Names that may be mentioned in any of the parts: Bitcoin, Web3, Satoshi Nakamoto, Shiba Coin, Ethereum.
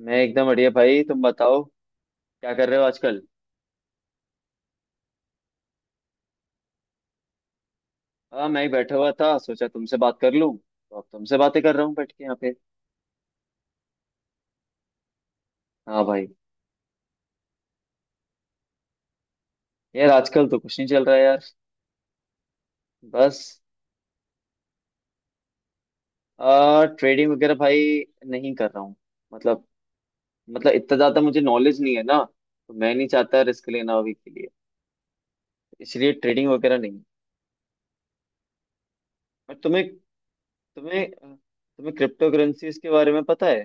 मैं एकदम बढ़िया भाई। तुम बताओ, क्या कर रहे हो आजकल? हाँ, मैं ही बैठा हुआ था, सोचा तुमसे बात कर लूं तो अब तुमसे बातें कर रहा हूँ बैठ के यहाँ पे। हाँ भाई। यार, आजकल तो कुछ नहीं चल रहा है यार। बस। आ ट्रेडिंग वगैरह भाई नहीं कर रहा हूँ। मतलब मतलब, इतना ज्यादा मुझे नॉलेज नहीं है ना, तो मैं नहीं चाहता रिस्क लेना अभी के लिए। इसलिए ट्रेडिंग वगैरह नहीं। और तुम्हें तुम्हें तुम्हें क्रिप्टो करेंसीज के बारे में पता है?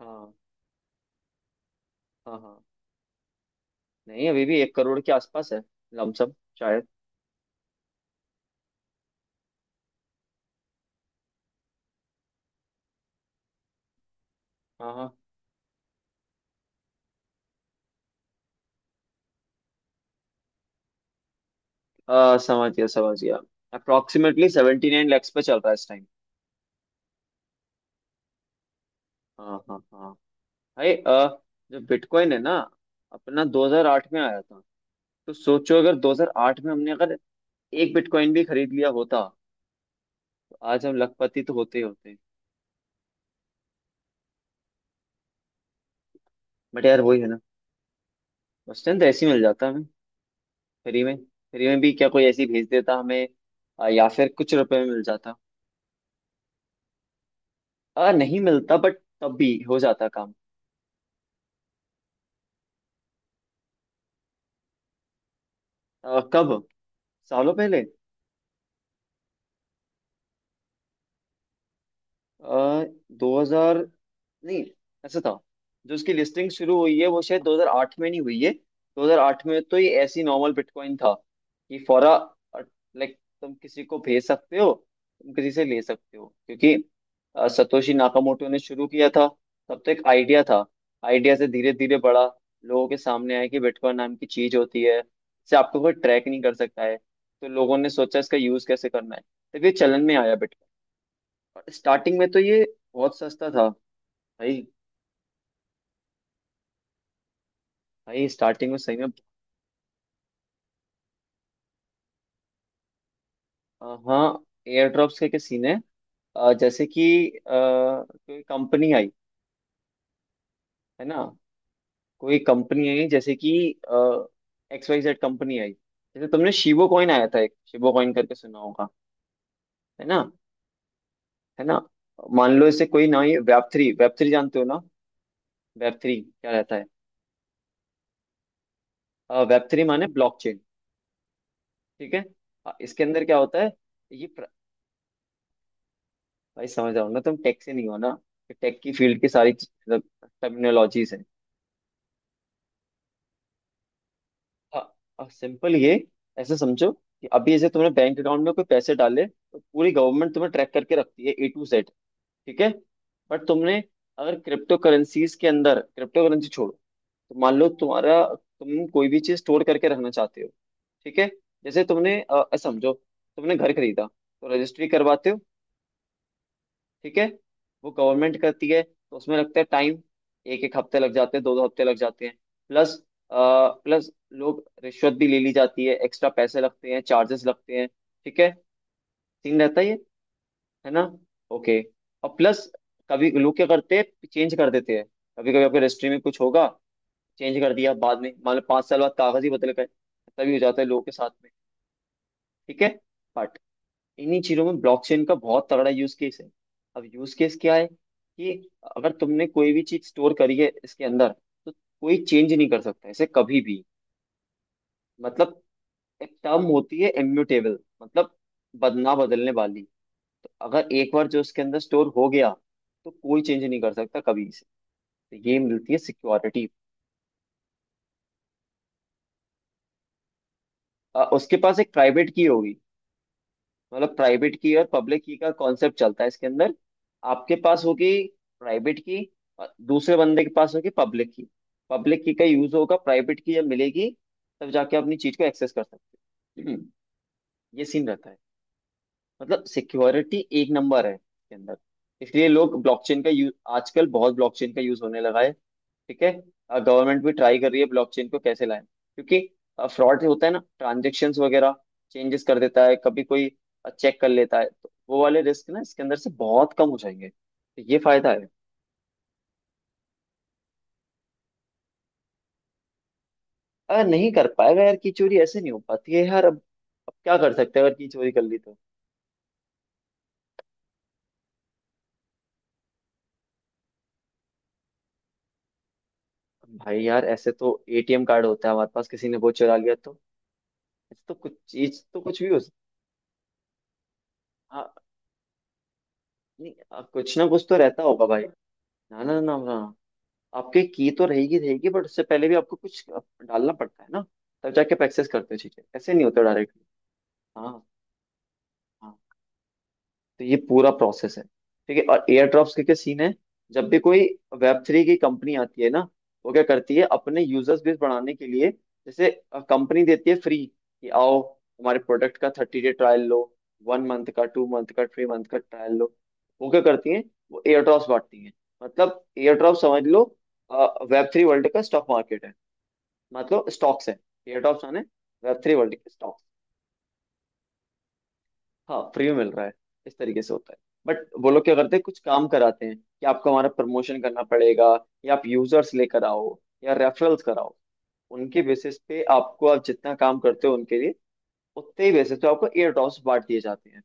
हाँ हाँ हाँ। नहीं, अभी भी 1 करोड़ के आसपास है। लमसम, शायद। हाँ हाँ। समझ गया समझ गया। अप्रोक्सीमेटली 79 लैक्स पे चल रहा है इस टाइम। हाँ हाँ हाँ। भाई, जो बिटकॉइन है ना, अपना 2008 में आया था। तो सोचो, अगर 2008 में हमने अगर एक बिटकॉइन भी खरीद लिया होता, तो आज हम लखपति तो होते ही होते। बट यार, वही है ना। उस टाइम तो ऐसे ही मिल जाता हमें, फ्री में। फ्री में भी क्या, कोई ऐसी भेज देता हमें, या फिर कुछ रुपए में मिल जाता। नहीं मिलता, बट तब भी हो जाता काम। कब, सालों पहले? आ, दो हजार, नहीं, ऐसा था, जो इसकी लिस्टिंग शुरू हुई है वो शायद 2008 में नहीं हुई है। 2008 में तो ये ऐसी नॉर्मल बिटकॉइन था कि फौरा, लाइक, तुम किसी को भेज सकते हो, तुम किसी से ले सकते हो, क्योंकि सतोशी नाकामोटो ने शुरू किया था। तब तो एक आइडिया था। आइडिया से धीरे धीरे बड़ा लोगों के सामने आया कि बिटकॉइन नाम की चीज होती है, इसे आपको कोई ट्रैक नहीं कर सकता है। तो लोगों ने सोचा इसका यूज कैसे करना है। तब ये चलन में आया बिटकॉइन। स्टार्टिंग में तो ये बहुत सस्ता था भाई। भाई, स्टार्टिंग में सही में। हाँ, एयर ड्रॉप्स के सीन है। जैसे कि, कोई कंपनी आई, है ना, कोई कंपनी आई जैसे कि XYZ कंपनी आई। जैसे तुमने शिबो कॉइन आया था, एक शिबो कॉइन करके सुना होगा। है ना, है ना। मान लो इसे कोई ना आई, वेब थ्री, वेब थ्री जानते हो ना? वेब थ्री क्या रहता है? वेब थ्री माने ब्लॉकचेन। ठीक है। इसके अंदर क्या होता है? ये प्र... भाई, समझ रहा हो ना, तुम टेक से नहीं हो ना। टेक की फील्ड की सारी टर्मिनोलॉजीज है। सिंपल, ये ऐसे समझो कि अभी जैसे तुमने बैंक अकाउंट में कोई पैसे डाले, तो पूरी गवर्नमेंट तुम्हें ट्रैक करके रखती है, A to Z। ठीक है। बट तुमने, अगर क्रिप्टो करेंसीज के अंदर, क्रिप्टो करेंसी छोड़ो, तो मान लो तुम्हारा, तुम कोई भी चीज स्टोर करके रखना चाहते हो। ठीक है। जैसे तुमने समझो तुमने घर खरीदा, तो रजिस्ट्री करवाते हो। ठीक है। वो गवर्नमेंट करती है, तो उसमें लगता है टाइम। एक एक हफ्ते लग जाते हैं, दो दो हफ्ते लग जाते हैं। प्लस, प्लस लोग रिश्वत भी ले ली जाती है, एक्स्ट्रा पैसे लगते हैं, चार्जेस लगते हैं। ठीक है। सीन रहता है ये। है ना। ओके। और प्लस, कभी लोग क्या करते हैं, चेंज कर देते हैं। कभी कभी आपके रजिस्ट्री में कुछ होगा, चेंज कर दिया, बाद में मान लो 5 साल बाद कागज ही बदल गए। तभी हो जाता है लोगों के साथ में। ठीक है। इन्हीं चीजों में ब्लॉकचेन का बहुत तगड़ा यूज केस है। अब यूज केस क्या है, कि अगर तुमने कोई भी चीज स्टोर करी है इसके अंदर, तो कोई चेंज नहीं कर सकता इसे कभी भी। मतलब एक टर्म होती है इम्यूटेबल, मतलब बदना बदलने वाली। तो अगर एक बार जो इसके अंदर स्टोर हो गया, तो कोई चेंज नहीं कर सकता कभी इसे। तो ये मिलती है सिक्योरिटी। उसके पास एक प्राइवेट की होगी। मतलब प्राइवेट की और पब्लिक की का कॉन्सेप्ट चलता है इसके अंदर। आपके पास होगी प्राइवेट की, और दूसरे बंदे के पास होगी पब्लिक की। पब्लिक की का यूज होगा, प्राइवेट की जब मिलेगी, तब जाके अपनी चीज को एक्सेस कर सकते हो। ये सीन रहता है। मतलब सिक्योरिटी एक नंबर है इसके अंदर। इसलिए लोग ब्लॉकचेन का यूज, आजकल बहुत ब्लॉकचेन का यूज होने लगा है। ठीक है। गवर्नमेंट भी ट्राई कर रही है ब्लॉकचेन को कैसे लाए, क्योंकि फ्रॉड होता है ना, ट्रांजेक्शन्स वगैरह चेंजेस कर देता है कभी कोई, चेक कर लेता है, तो वो वाले रिस्क ना इसके अंदर से बहुत कम हो जाएंगे। तो ये फायदा है। अगर नहीं कर पाएगा यार, की चोरी ऐसे नहीं हो पाती है यार अब। अब क्या कर सकते हैं अगर की चोरी कर ली तो? भाई यार, ऐसे तो ATM कार्ड होता है हमारे पास, किसी ने वो चुरा लिया तो? ऐसे तो कुछ चीज, तो कुछ भी हो। हाँ। नहीं, कुछ ना कुछ तो रहता होगा भाई। ना, ना, ना, ना, आपके की तो रहेगी रहेगी, बट उससे पहले भी आपको कुछ डालना पड़ता है ना, तब जाके आप एक्सेस करते हो चीजें। ऐसे नहीं होता डायरेक्टली। हाँ, हाँ। तो ये पूरा प्रोसेस है, ठीक है। और एयर ड्रॉप्स के क्या सीन है? जब भी कोई वेब थ्री की कंपनी आती है ना, वो क्या करती है अपने यूजर्स बेस बढ़ाने के लिए, जैसे कंपनी देती है फ्री कि आओ, हमारे प्रोडक्ट का 30 डे ट्रायल लो। 1 मंथ का, 2 मंथ का, 3 मंथ का ट्रायल लो। वो क्या करती है, वो एयर ड्रॉप्स बांटती है। मतलब एयर ड्रॉप समझ लो, वेब थ्री वर्ल्ड का स्टॉक मार्केट है, मतलब स्टॉक्स है। एयर ड्रॉप्स माने वेब थ्री वर्ल्ड के स्टॉक। हाँ, फ्री में मिल रहा है। इस तरीके से होता है। बट वो लोग क्या करते हैं, कुछ काम कराते हैं कि आपको हमारा प्रमोशन करना पड़ेगा, या आप यूजर्स लेकर आओ, या रेफरल्स कराओ। उनके बेसिस पे आपको, आप जितना काम करते हो उनके लिए, उतने ही बेसिस पे आपको एयर ड्रॉप्स बांट दिए जाते हैं।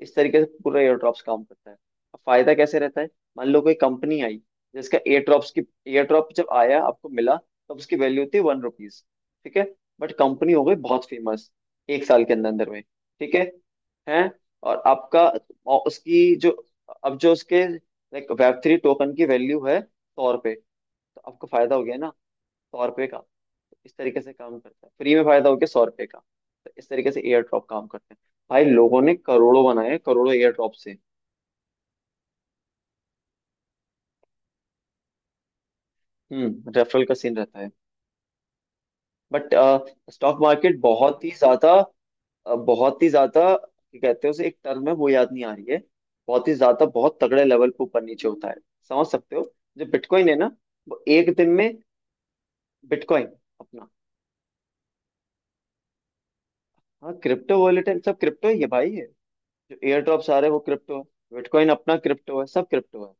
इस तरीके से पूरा एयरड्रॉप्स काम करता है। अब फायदा कैसे रहता है, मान लो कोई कंपनी आई, जिसका एयरड्रॉप्स की, एयरड्रॉप जब आया आपको मिला, तब उसकी वैल्यू थी 1 रुपीज। ठीक है। बट कंपनी हो गई बहुत फेमस, एक साल के अंदर अंदर में। ठीक है। हैं, और आपका, और उसकी जो, अब जो उसके लाइक वेब थ्री टोकन की वैल्यू है 100 रुपए, तो आपको फायदा हो गया ना, 100 रुपये का। इस तरीके से काम करता है, फ्री में फायदा हो गया 100 रुपये का। तो इस तरीके से एयर ड्रॉप काम करते हैं। भाई लोगों ने करोड़ों बनाए, करोड़ों एयर ड्रॉप से। रेफरल का सीन रहता है, बट स्टॉक मार्केट बहुत ही ज्यादा, बहुत ही ज्यादा, क्या कहते हैं उसे, एक टर्म है वो याद नहीं आ रही है, बहुत ही ज्यादा बहुत तगड़े लेवल पे ऊपर नीचे होता है। समझ सकते हो। जो बिटकॉइन है ना, वो एक दिन में, बिटकॉइन अपना। हाँ, क्रिप्टो वॉलेट है, सब क्रिप्टो ही है भाई ये। जो एयर ड्रॉप आ रहे हैं वो क्रिप्टो है, बिटकॉइन अपना क्रिप्टो है, सब क्रिप्टो है।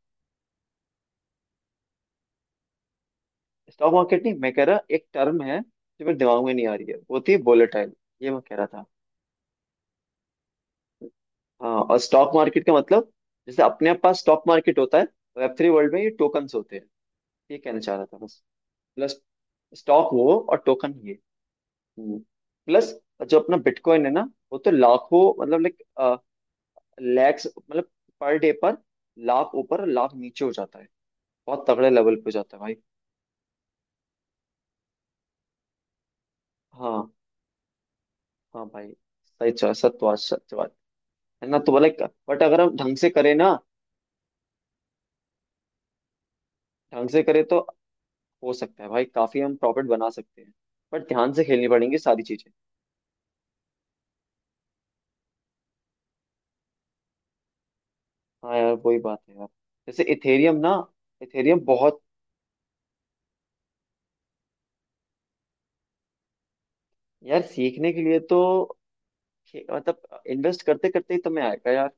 स्टॉक मार्केट नहीं, मैं कह रहा एक टर्म है जो मेरे दिमाग में नहीं आ रही है वो, थी वोलेटाइल। ये मैं कह रहा था। हाँ, और स्टॉक मार्केट का मतलब, जैसे अपने पास स्टॉक मार्केट होता है, वेब थ्री वर्ल्ड में ये टोकन्स होते हैं। ये कहना चाह रहा था बस। प्लस, स्टॉक वो और टोकन ये। हम्म। प्लस, जो अपना बिटकॉइन है ना, वो तो लाखों, मतलब लाइक, लैक्स, मतलब, पर डे पर लाख ऊपर, लाख नीचे हो जाता है। बहुत तगड़े लेवल पे हो जाता है भाई। हाँ हाँ भाई। सही चॉइस सत्वास। है ना, तो लाइक, बट अगर हम ढंग से करें ना, ढंग से करें तो, हो सकता है भाई काफी हम प्रॉफिट बना सकते हैं, बट ध्यान से खेलनी पड़ेंगी सारी चीजें। हाँ यार, वही बात है यार। जैसे इथेरियम ना, इथेरियम बहुत। यार, सीखने के लिए तो मतलब, इन्वेस्ट करते करते ही तुम्हें आएगा यार।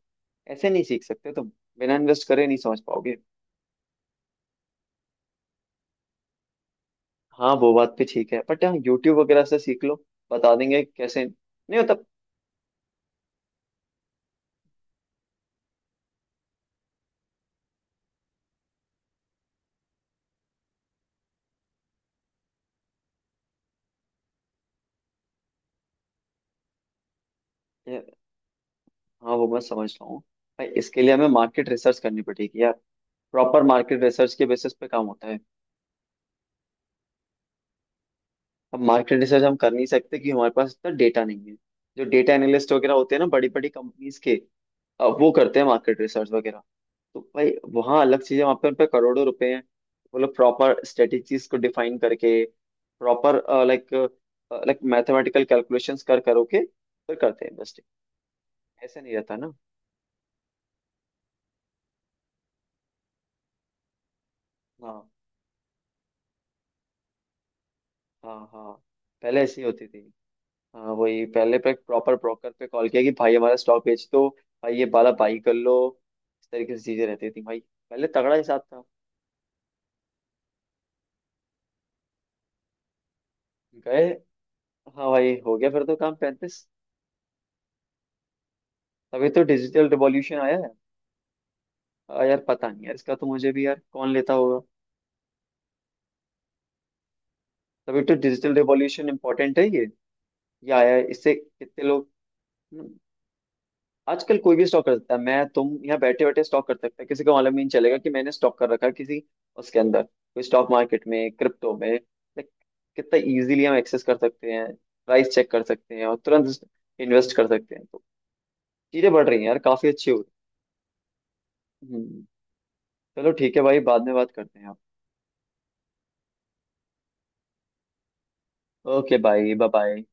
ऐसे नहीं सीख सकते तुम। बिना इन्वेस्ट करे नहीं समझ पाओगे। हाँ, वो बात भी ठीक है, बट यहाँ यूट्यूब वगैरह से सीख लो, बता देंगे कैसे, नहीं मतलब। हाँ, वो मैं समझ रहा हूँ, भाई इसके लिए हमें मार्केट रिसर्च करनी पड़ेगी यार। प्रॉपर मार्केट रिसर्च के बेसिस पे काम होता है। अब मार्केट रिसर्च हम कर नहीं सकते, कि हमारे पास इतना डेटा नहीं है। जो डेटा एनालिस्ट वगैरह होते हैं ना, बड़ी बड़ी कंपनीज के, अब वो करते हैं मार्केट रिसर्च वगैरह। तो भाई, वहाँ अलग चीज़ है, वहाँ पे उन पे करोड़ों रुपए हैं। वो लोग प्रॉपर स्ट्रेटेजीज को डिफाइन करके, proper, like like mathematical calculations कर करो के फिर करते हैं इन्वेस्टिंग। ऐसा नहीं रहता ना। हाँ हाँ हाँ। पहले ऐसी होती थी, हाँ वही, पहले पे प्रॉपर ब्रोकर पे कॉल किया कि भाई हमारा स्टॉक बेच दो, भाई ये वाला बाई कर लो। इस तरीके से चीजें रहती थी भाई। पहले तगड़ा हिसाब था। गए। हाँ भाई, हो गया फिर तो काम, 35, तभी तो डिजिटल रिवॉल्यूशन आया है। यार पता नहीं यार, इसका तो मुझे भी यार, कौन लेता होगा। तभी तो डिजिटल रिवॉल्यूशन इम्पोर्टेंट है ये आया है, इससे कितने लोग। आजकल कोई भी स्टॉक कर सकता है, मैं, तुम, यहाँ बैठे बैठे स्टॉक कर सकते हैं, किसी को मालूम ही नहीं चलेगा कि मैंने स्टॉक कर रखा है किसी, उसके अंदर, कोई स्टॉक मार्केट में, क्रिप्टो में, लाइक, कितना इजीली हम एक्सेस कर सकते हैं, प्राइस चेक कर सकते हैं और तुरंत इन्वेस्ट कर सकते हैं। तो चीजें बढ़ रही हैं यार, काफी अच्छी हो रही हैं। चलो ठीक है भाई, बाद में बात करते हैं आप। ओके भाई, बाय बाय।